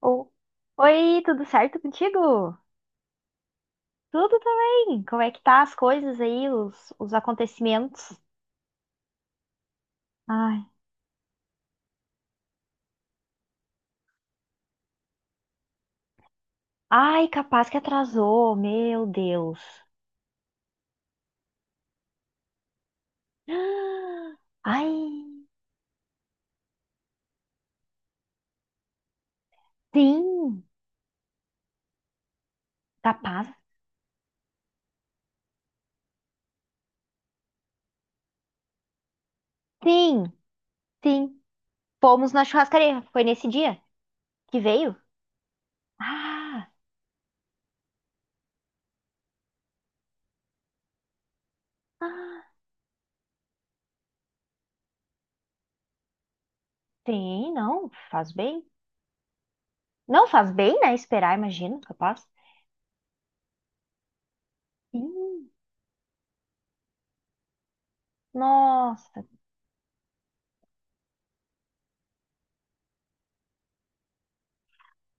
Oh. Oi, tudo certo contigo? Tudo também. Como é que tá as coisas aí, os acontecimentos? Ai, ai, capaz que atrasou, meu Deus. Ah, ai, sim, capaz. Sim, sim. Fomos na churrascaria, foi nesse dia que veio? Ah, ah, sim, não, faz bem. Não faz bem, né? Esperar, imagino, capaz. Sim, nossa.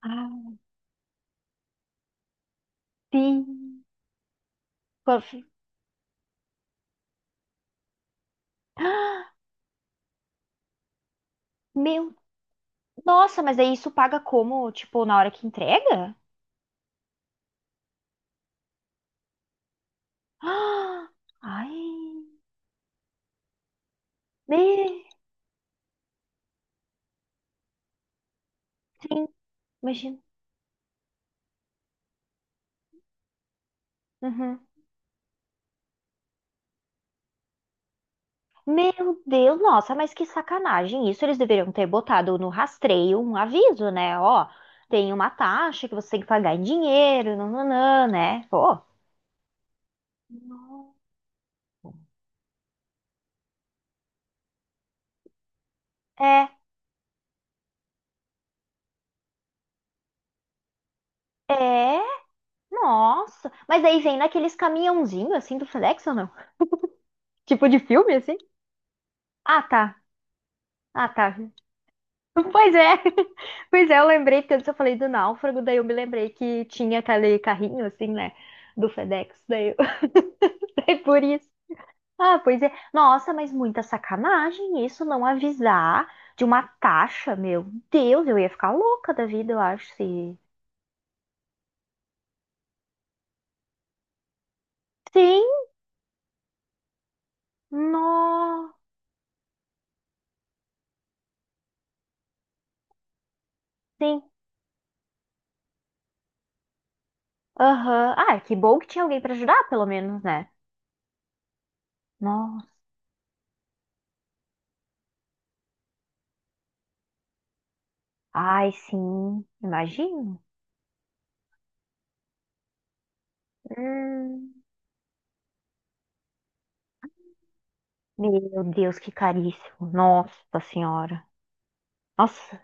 Ah, sim. Por- Meu, nossa, mas aí isso paga como? Tipo, na hora que entrega? Ah, Ai, me... sim, imagina. Uhum. Meu Deus, nossa, mas que sacanagem. Isso eles deveriam ter botado no rastreio um aviso, né? Ó, tem uma taxa que você tem que pagar em dinheiro, nananã, né? Pô. Não. É, é, nossa. Mas aí vem naqueles caminhãozinhos, assim, do FedEx ou não? Tipo de filme, assim? Ah, tá. Ah, tá. Pois é, pois é, eu lembrei, porque antes eu falei do náufrago, daí eu me lembrei que tinha aquele carrinho, assim, né, do FedEx. Daí por isso. Ah, pois é. Nossa, mas muita sacanagem isso, não avisar de uma taxa, meu Deus, eu ia ficar louca da vida, eu acho, se... Sim, nossa, sim, aham. Ah, que bom que tinha alguém pra ajudar, pelo menos, né? Nossa, ai, sim, imagino. Hum, meu Deus, que caríssimo, nossa senhora. Nossa,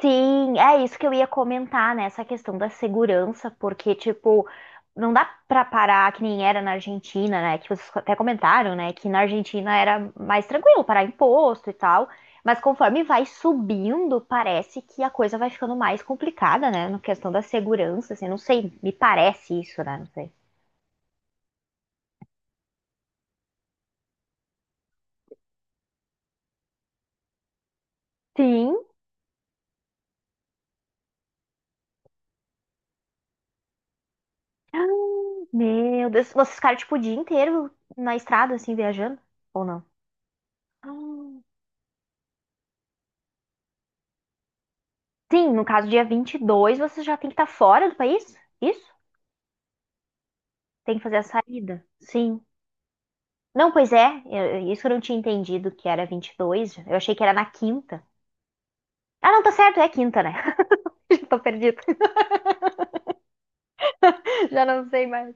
sim, é isso que eu ia comentar, né? Essa questão da segurança, porque, tipo, não dá pra parar que nem era na Argentina, né? Que vocês até comentaram, né? Que na Argentina era mais tranquilo parar imposto e tal. Mas conforme vai subindo, parece que a coisa vai ficando mais complicada, né? Na questão da segurança, assim, não sei, me parece isso, né? Não sei. Sim. Meu Deus, vocês ficaram, tipo, o dia inteiro na estrada, assim, viajando? Ou não? Sim, no caso, dia 22 você já tem que estar fora do país? Isso? Tem que fazer a saída. Sim. Não, pois é. Isso eu não tinha entendido que era 22. Eu achei que era na quinta. Ah, não, tá certo. É quinta, né? Já tô perdida. Já não sei mais.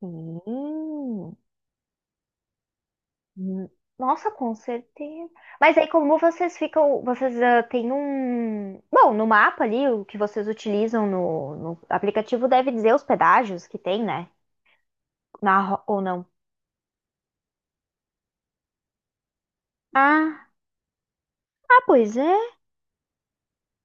Hum, hum. Nossa, com certeza. Mas aí, como vocês ficam? Vocês ah, têm um. Bom, no mapa ali, o que vocês utilizam no aplicativo deve dizer os pedágios que tem, né? Ou não? Ah, ah, pois é.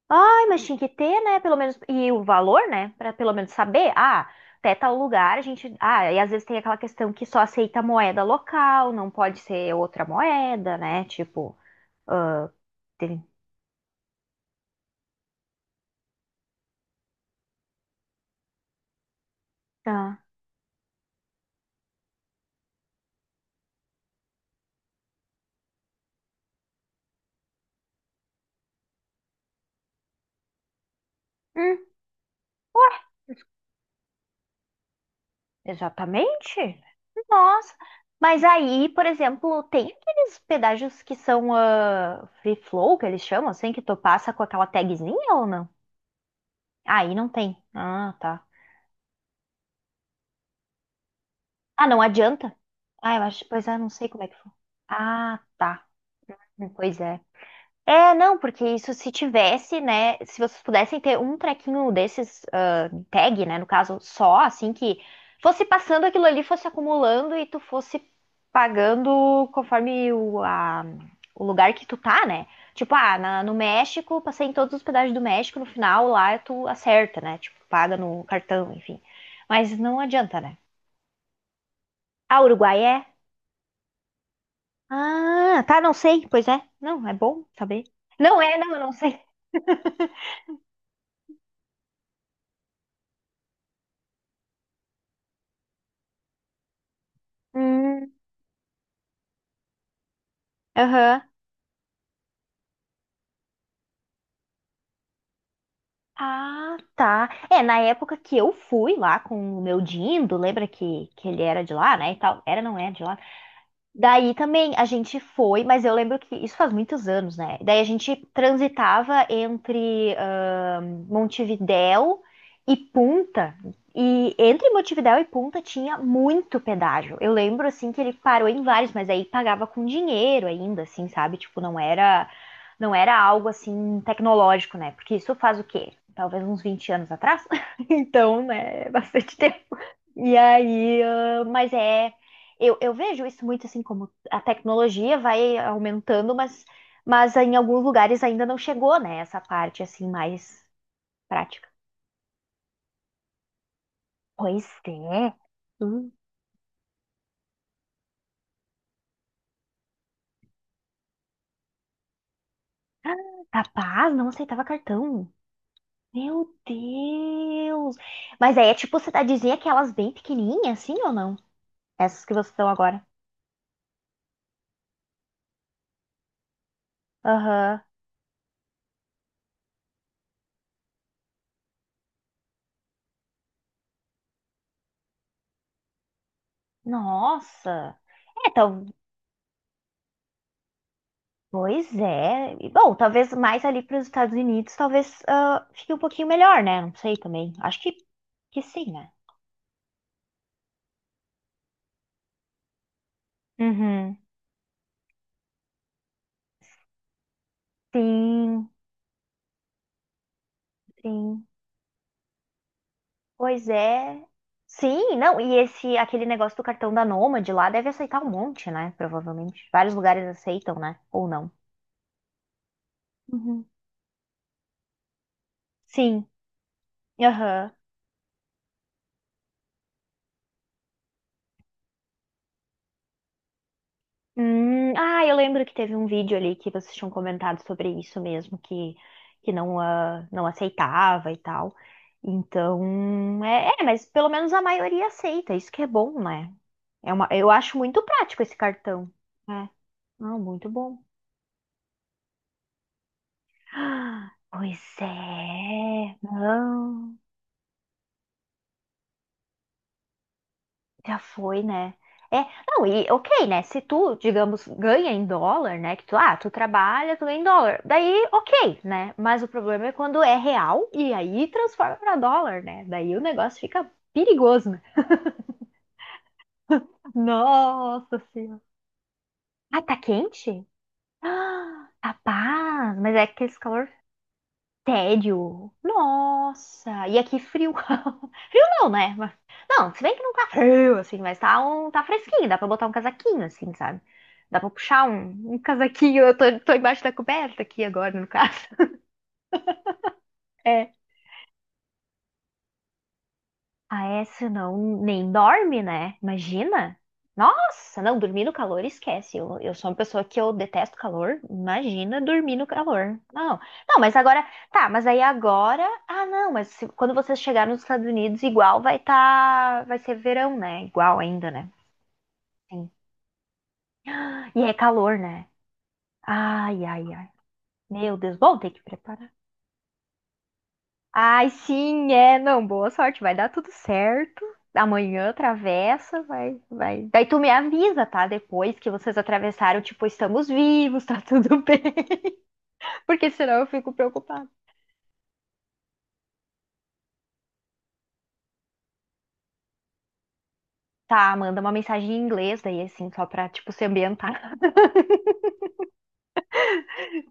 Ai, mas tinha que ter, né? Pelo menos. E o valor, né? Pra pelo menos saber. Ah, até tal lugar a gente. Ah, e às vezes tem aquela questão que só aceita moeda local, não pode ser outra moeda, né? Tipo. Ah, tem- ah, hum, ué, exatamente. Nossa. Mas aí, por exemplo, tem aqueles pedágios que são ah, free flow, que eles chamam, assim, que tu passa com aquela tagzinha ou não? Aí não tem. Ah, tá. Ah, não adianta? Ah, eu acho, pois é, não sei como é que foi. Ah, tá. Pois é. É, não, porque isso se tivesse, né? Se vocês pudessem ter um trequinho desses, ah, tag, né? No caso, só, assim, que fosse passando aquilo ali, fosse acumulando e tu fosse pagando conforme o, a- o lugar que tu tá, né? Tipo, ah, no México, passei em todos os pedágios do México, no final lá tu acerta, né? Tipo, paga no cartão, enfim. Mas não adianta, né? Ah, Uruguai é? Ah, tá, não sei. Pois é. Não, é bom saber. Não é, não, eu não sei. Hum, aham. Ah, tá. É, na época que eu fui lá com o meu Dindo, lembra que, ele era de lá, né, e tal? Era, não era de lá? Daí também a gente foi, mas eu lembro que isso faz muitos anos, né? Daí a gente transitava entre Montevidéu e Punta. E entre Montevidéu e Punta tinha muito pedágio. Eu lembro assim que ele parou em vários, mas aí pagava com dinheiro ainda, assim, sabe? Tipo, não era não era algo assim tecnológico, né? Porque isso faz o quê? Talvez uns 20 anos atrás. Então, né, é bastante tempo. E aí, ah, mas é, eu vejo isso muito assim como a tecnologia vai aumentando, mas em alguns lugares ainda não chegou, né? Essa parte assim mais prática. Pois é. Hum, Capaz, não aceitava cartão. Meu Deus! Mas aí é tipo cidadezinha aquelas bem pequenininhas, assim ou não? Essas que vocês estão agora. Aham. Nossa! É, tal, pois é. E, bom, talvez mais ali para os Estados Unidos, talvez ah, fique um pouquinho melhor, né? Não sei também. Acho que sim, né? Uhum. Sim, sim. Pois é. Sim, não, e esse aquele negócio do cartão da Nômade lá deve aceitar um monte, né? Provavelmente. Vários lugares aceitam, né? Ou não. Uhum. Sim. Aham. Ah, eu lembro que teve um vídeo ali que vocês tinham comentado sobre isso mesmo, que não, ah, não aceitava e tal. Então, é, é, mas pelo menos a maioria aceita, isso que é bom, né? É uma, eu acho muito prático esse cartão. É, não, muito bom. Ah, pois é, não. Já foi, né? É, não, e ok, né? Se tu, digamos, ganha em dólar, né? Que tu, ah, tu trabalha, tu ganha em dólar. Daí, ok, né? Mas o problema é quando é real e aí transforma pra dólar, né? Daí o negócio fica perigoso, né? Nossa Senhora. Ah, tá quente? Ah, rapaz, mas é aquele calor. Tédio. Nossa, e aqui frio. Frio não, né? Mas- Não, se bem que não tá frio, assim, mas tá, um, tá fresquinho, dá pra botar um casaquinho, assim, sabe? Dá pra puxar um, casaquinho, eu tô embaixo da coberta aqui agora, no caso. É. Ah, essa não nem dorme, né? Imagina! Nossa, não, dormir no calor, esquece. eu sou uma pessoa que eu detesto calor. Imagina dormir no calor. Não, não, mas agora, tá, mas aí agora, ah, não, mas quando vocês chegarem nos Estados Unidos, igual vai tá, vai ser verão, né? Igual ainda, né? Sim. E é calor, né? Ai, ai, ai. Meu Deus, bom, tem que preparar. Ai, sim, é. Não, boa sorte. Vai dar tudo certo. Amanhã atravessa, vai, vai. Daí tu me avisa, tá? Depois que vocês atravessaram, tipo, estamos vivos, tá tudo bem. Porque senão eu fico preocupada. Tá, manda uma mensagem em inglês daí, assim, só pra, tipo, se ambientar.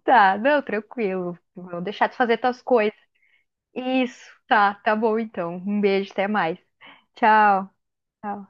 Tá, não, tranquilo. Vou deixar tu fazer tuas coisas. Isso, tá, tá bom então. Um beijo, até mais. Tchau. Tchau.